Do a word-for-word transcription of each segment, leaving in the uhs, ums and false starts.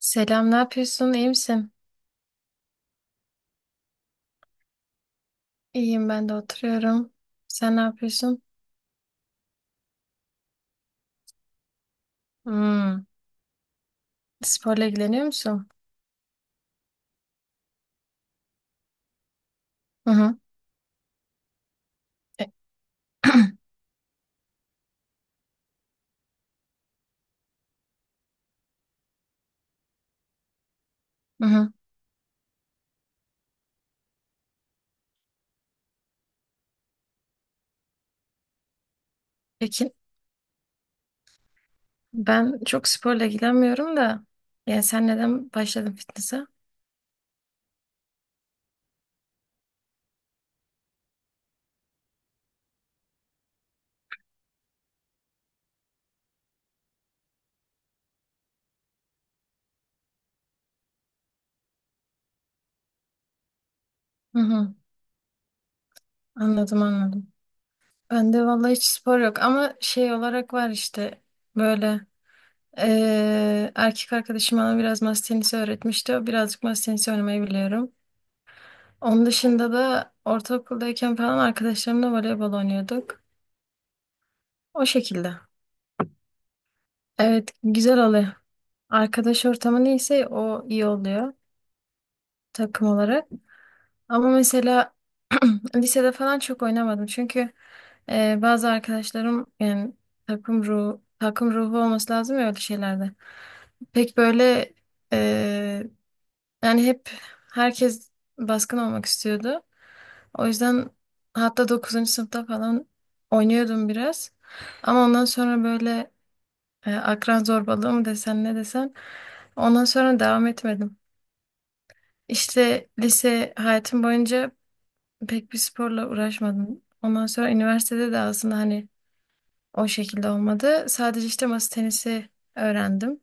Selam, ne yapıyorsun? İyi misin? İyiyim, ben de oturuyorum. Sen ne yapıyorsun? Hmm, sporla ilgileniyor musun? Hı hı. E, hı hı. Peki, ben çok sporla ilgilenmiyorum da. Yani sen neden başladın fitness'a? Hı hı. Anladım, anladım. Ben de vallahi hiç spor yok ama şey olarak var işte böyle eee, erkek arkadaşım bana biraz masa tenisi öğretmişti. O birazcık masa tenisi oynamayı biliyorum. Onun dışında da ortaokuldayken falan arkadaşlarımla voleybol oynuyorduk. O şekilde. Evet, güzel oluyor. Arkadaş ortamı neyse o iyi oluyor takım olarak. Ama mesela lisede falan çok oynamadım. Çünkü e, bazı arkadaşlarım yani takım ruhu, takım ruhu olması lazım ya öyle şeylerde. Pek böyle e, yani hep herkes baskın olmak istiyordu. O yüzden hatta dokuzuncu sınıfta falan oynuyordum biraz. Ama ondan sonra böyle e, akran zorbalığı mı desen ne desen. Ondan sonra devam etmedim. İşte lise hayatım boyunca pek bir sporla uğraşmadım. Ondan sonra üniversitede de aslında hani o şekilde olmadı. Sadece işte masa tenisi öğrendim.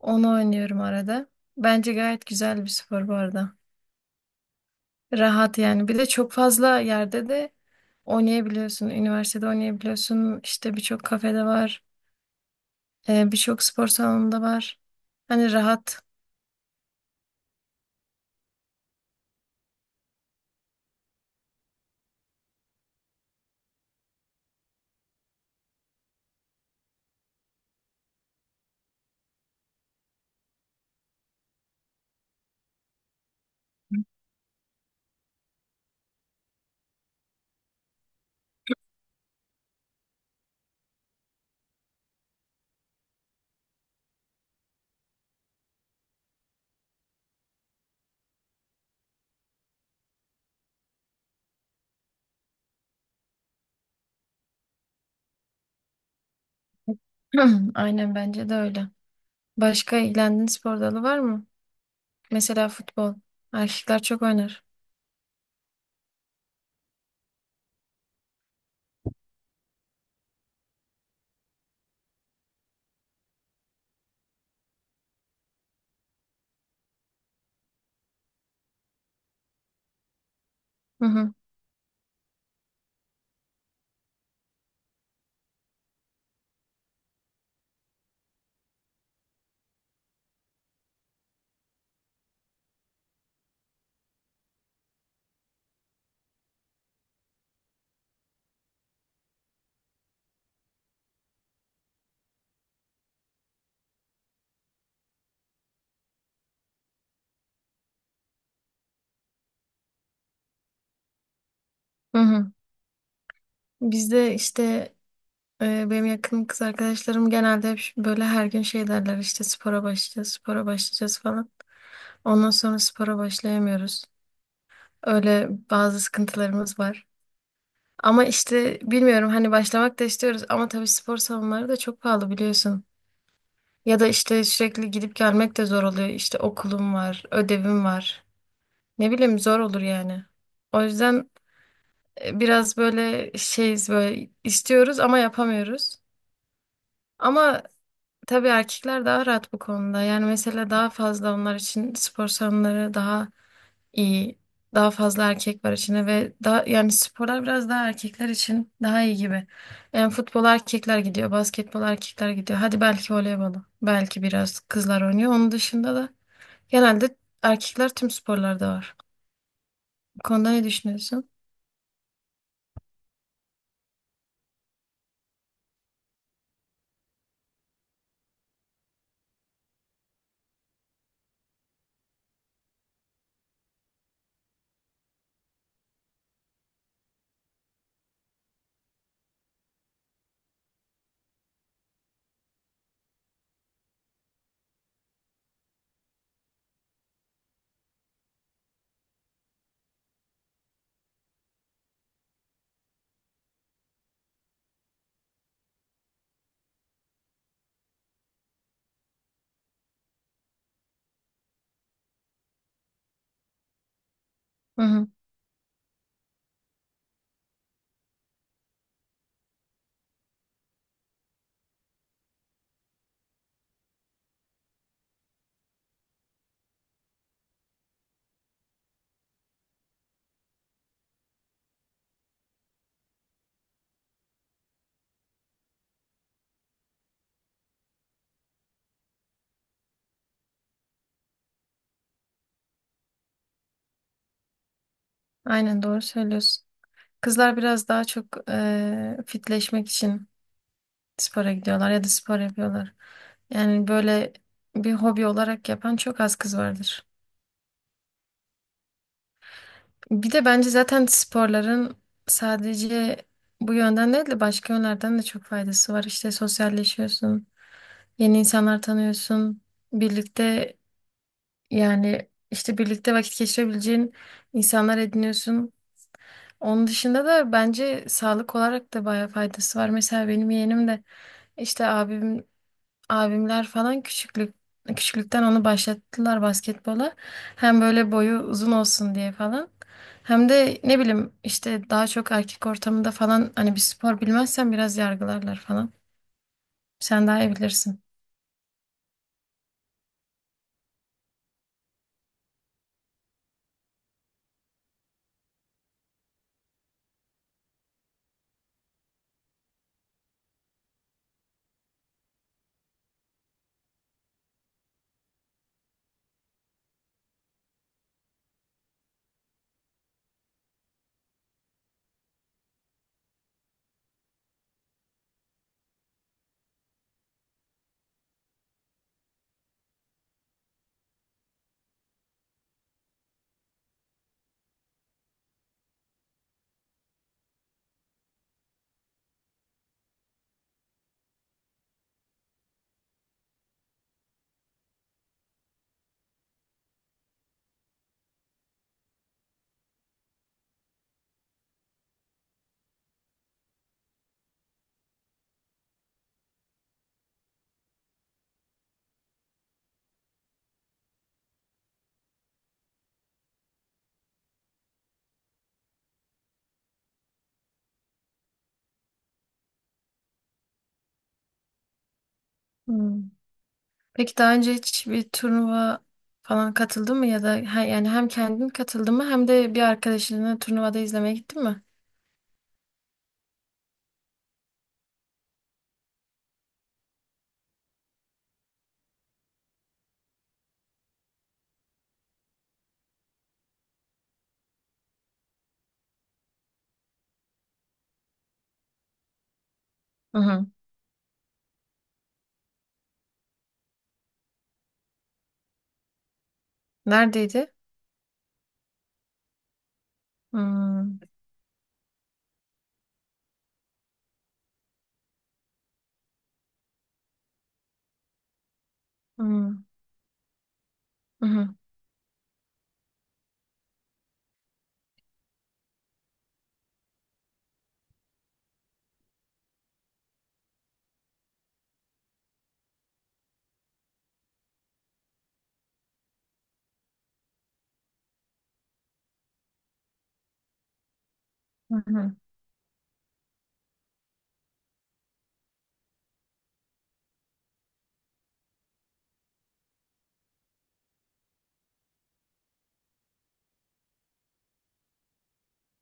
Onu oynuyorum arada. Bence gayet güzel bir spor bu arada. Rahat yani. Bir de çok fazla yerde de oynayabiliyorsun. Üniversitede oynayabiliyorsun. İşte birçok kafede var. E, Birçok spor salonunda var. Hani rahat. Aynen bence de öyle. Başka ilgilendiğin spor dalı var mı? Mesela futbol. Erkekler çok oynar. Hı hı. Hı hı. Bizde işte e, benim yakın kız arkadaşlarım genelde hep ş- böyle her gün şey derler işte spora başlayacağız, spora başlayacağız falan. Ondan sonra spora başlayamıyoruz. Öyle bazı sıkıntılarımız var. Ama işte bilmiyorum hani başlamak da istiyoruz ama tabii spor salonları da çok pahalı biliyorsun. Ya da işte sürekli gidip gelmek de zor oluyor. İşte okulum var, ödevim var. Ne bileyim zor olur yani. O yüzden e, biraz böyle şeyiz böyle istiyoruz ama yapamıyoruz. Ama tabii erkekler daha rahat bu konuda. Yani mesela daha fazla onlar için spor salonları daha iyi. Daha fazla erkek var içinde ve daha yani sporlar biraz daha erkekler için daha iyi gibi. Yani futbol erkekler gidiyor, basketbol erkekler gidiyor. Hadi belki voleybolu. Belki biraz kızlar oynuyor. Onun dışında da genelde erkekler tüm sporlarda var. Bu konuda ne düşünüyorsun? Aynen doğru söylüyorsun. Kızlar biraz daha çok eee, fitleşmek için spora gidiyorlar ya da spor yapıyorlar. Yani böyle bir hobi olarak yapan çok az kız vardır. Bir de bence zaten sporların sadece bu yönden değil de başka yönlerden de çok faydası var. İşte sosyalleşiyorsun, yeni insanlar tanıyorsun, birlikte yani işte birlikte vakit geçirebileceğin insanlar ediniyorsun. Onun dışında da bence sağlık olarak da bayağı faydası var. Mesela benim yeğenim de işte abim abimler falan küçüklük küçüklükten onu başlattılar basketbola. Hem böyle boyu uzun olsun diye falan. Hem de ne bileyim işte daha çok erkek ortamında falan hani bir spor bilmezsen biraz yargılarlar falan. Sen daha iyi bilirsin. Hmm. Peki daha önce hiç bir turnuva falan katıldın mı ya da he- yani hem kendin katıldın mı hem de bir arkadaşınla turnuvada izlemeye gittin mi? Hı hı. Neredeydi? Hmm, hmm, hmm, hmm,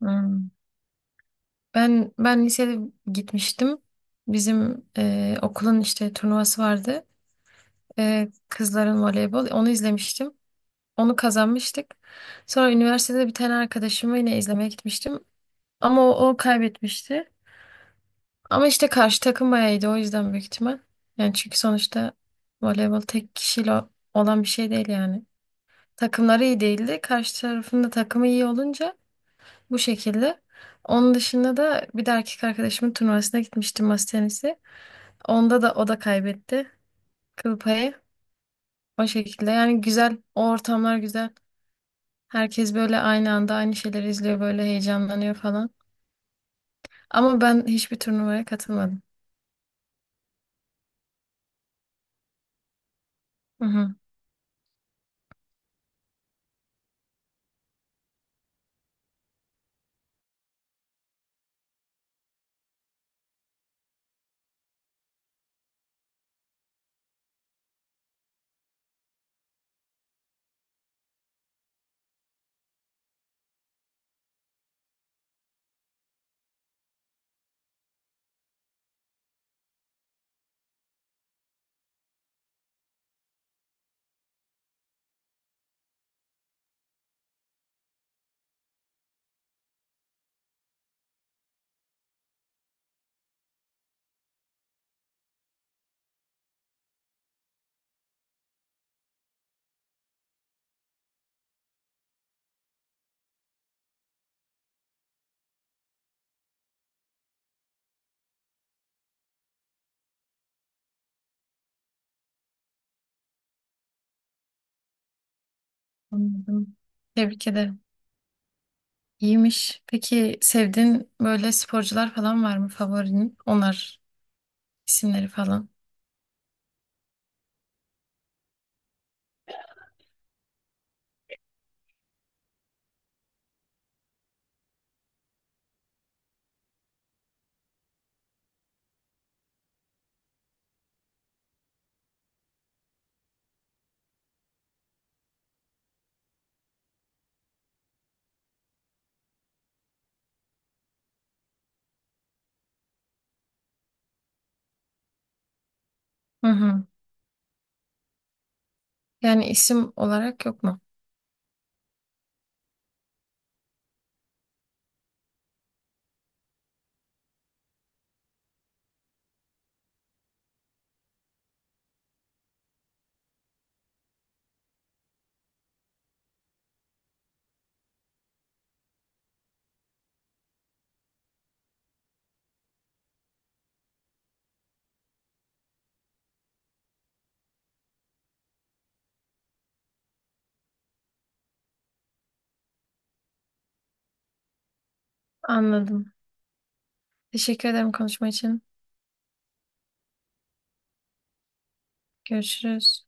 hmm. Ben ben lisede gitmiştim. Bizim e, okulun işte turnuvası vardı. E, kızların voleybol. Onu izlemiştim. Onu kazanmıştık. Sonra üniversitede bir tane arkadaşımı yine izlemeye gitmiştim. Ama o, o kaybetmişti. Ama işte karşı takım bayağı iyiydi, o yüzden büyük ihtimal. Yani çünkü sonuçta voleybol tek kişiyle olan bir şey değil yani. Takımları iyi değildi. Karşı tarafın da takımı iyi olunca bu şekilde. Onun dışında da bir de erkek arkadaşımın turnuvasına gitmiştim masa tenisi. Onda da o da kaybetti kıl payı. O şekilde yani güzel, o ortamlar güzel. Herkes böyle aynı anda aynı şeyleri izliyor, böyle heyecanlanıyor falan. Ama ben hiçbir turnuvaya katılmadım. Hı hı, anladım. Tebrik ederim. İyiymiş. Peki sevdiğin böyle sporcular falan var mı favorinin? Onlar isimleri falan. Hı hı. Yani isim olarak yok mu? Anladım. Teşekkür ederim konuşma için. Görüşürüz.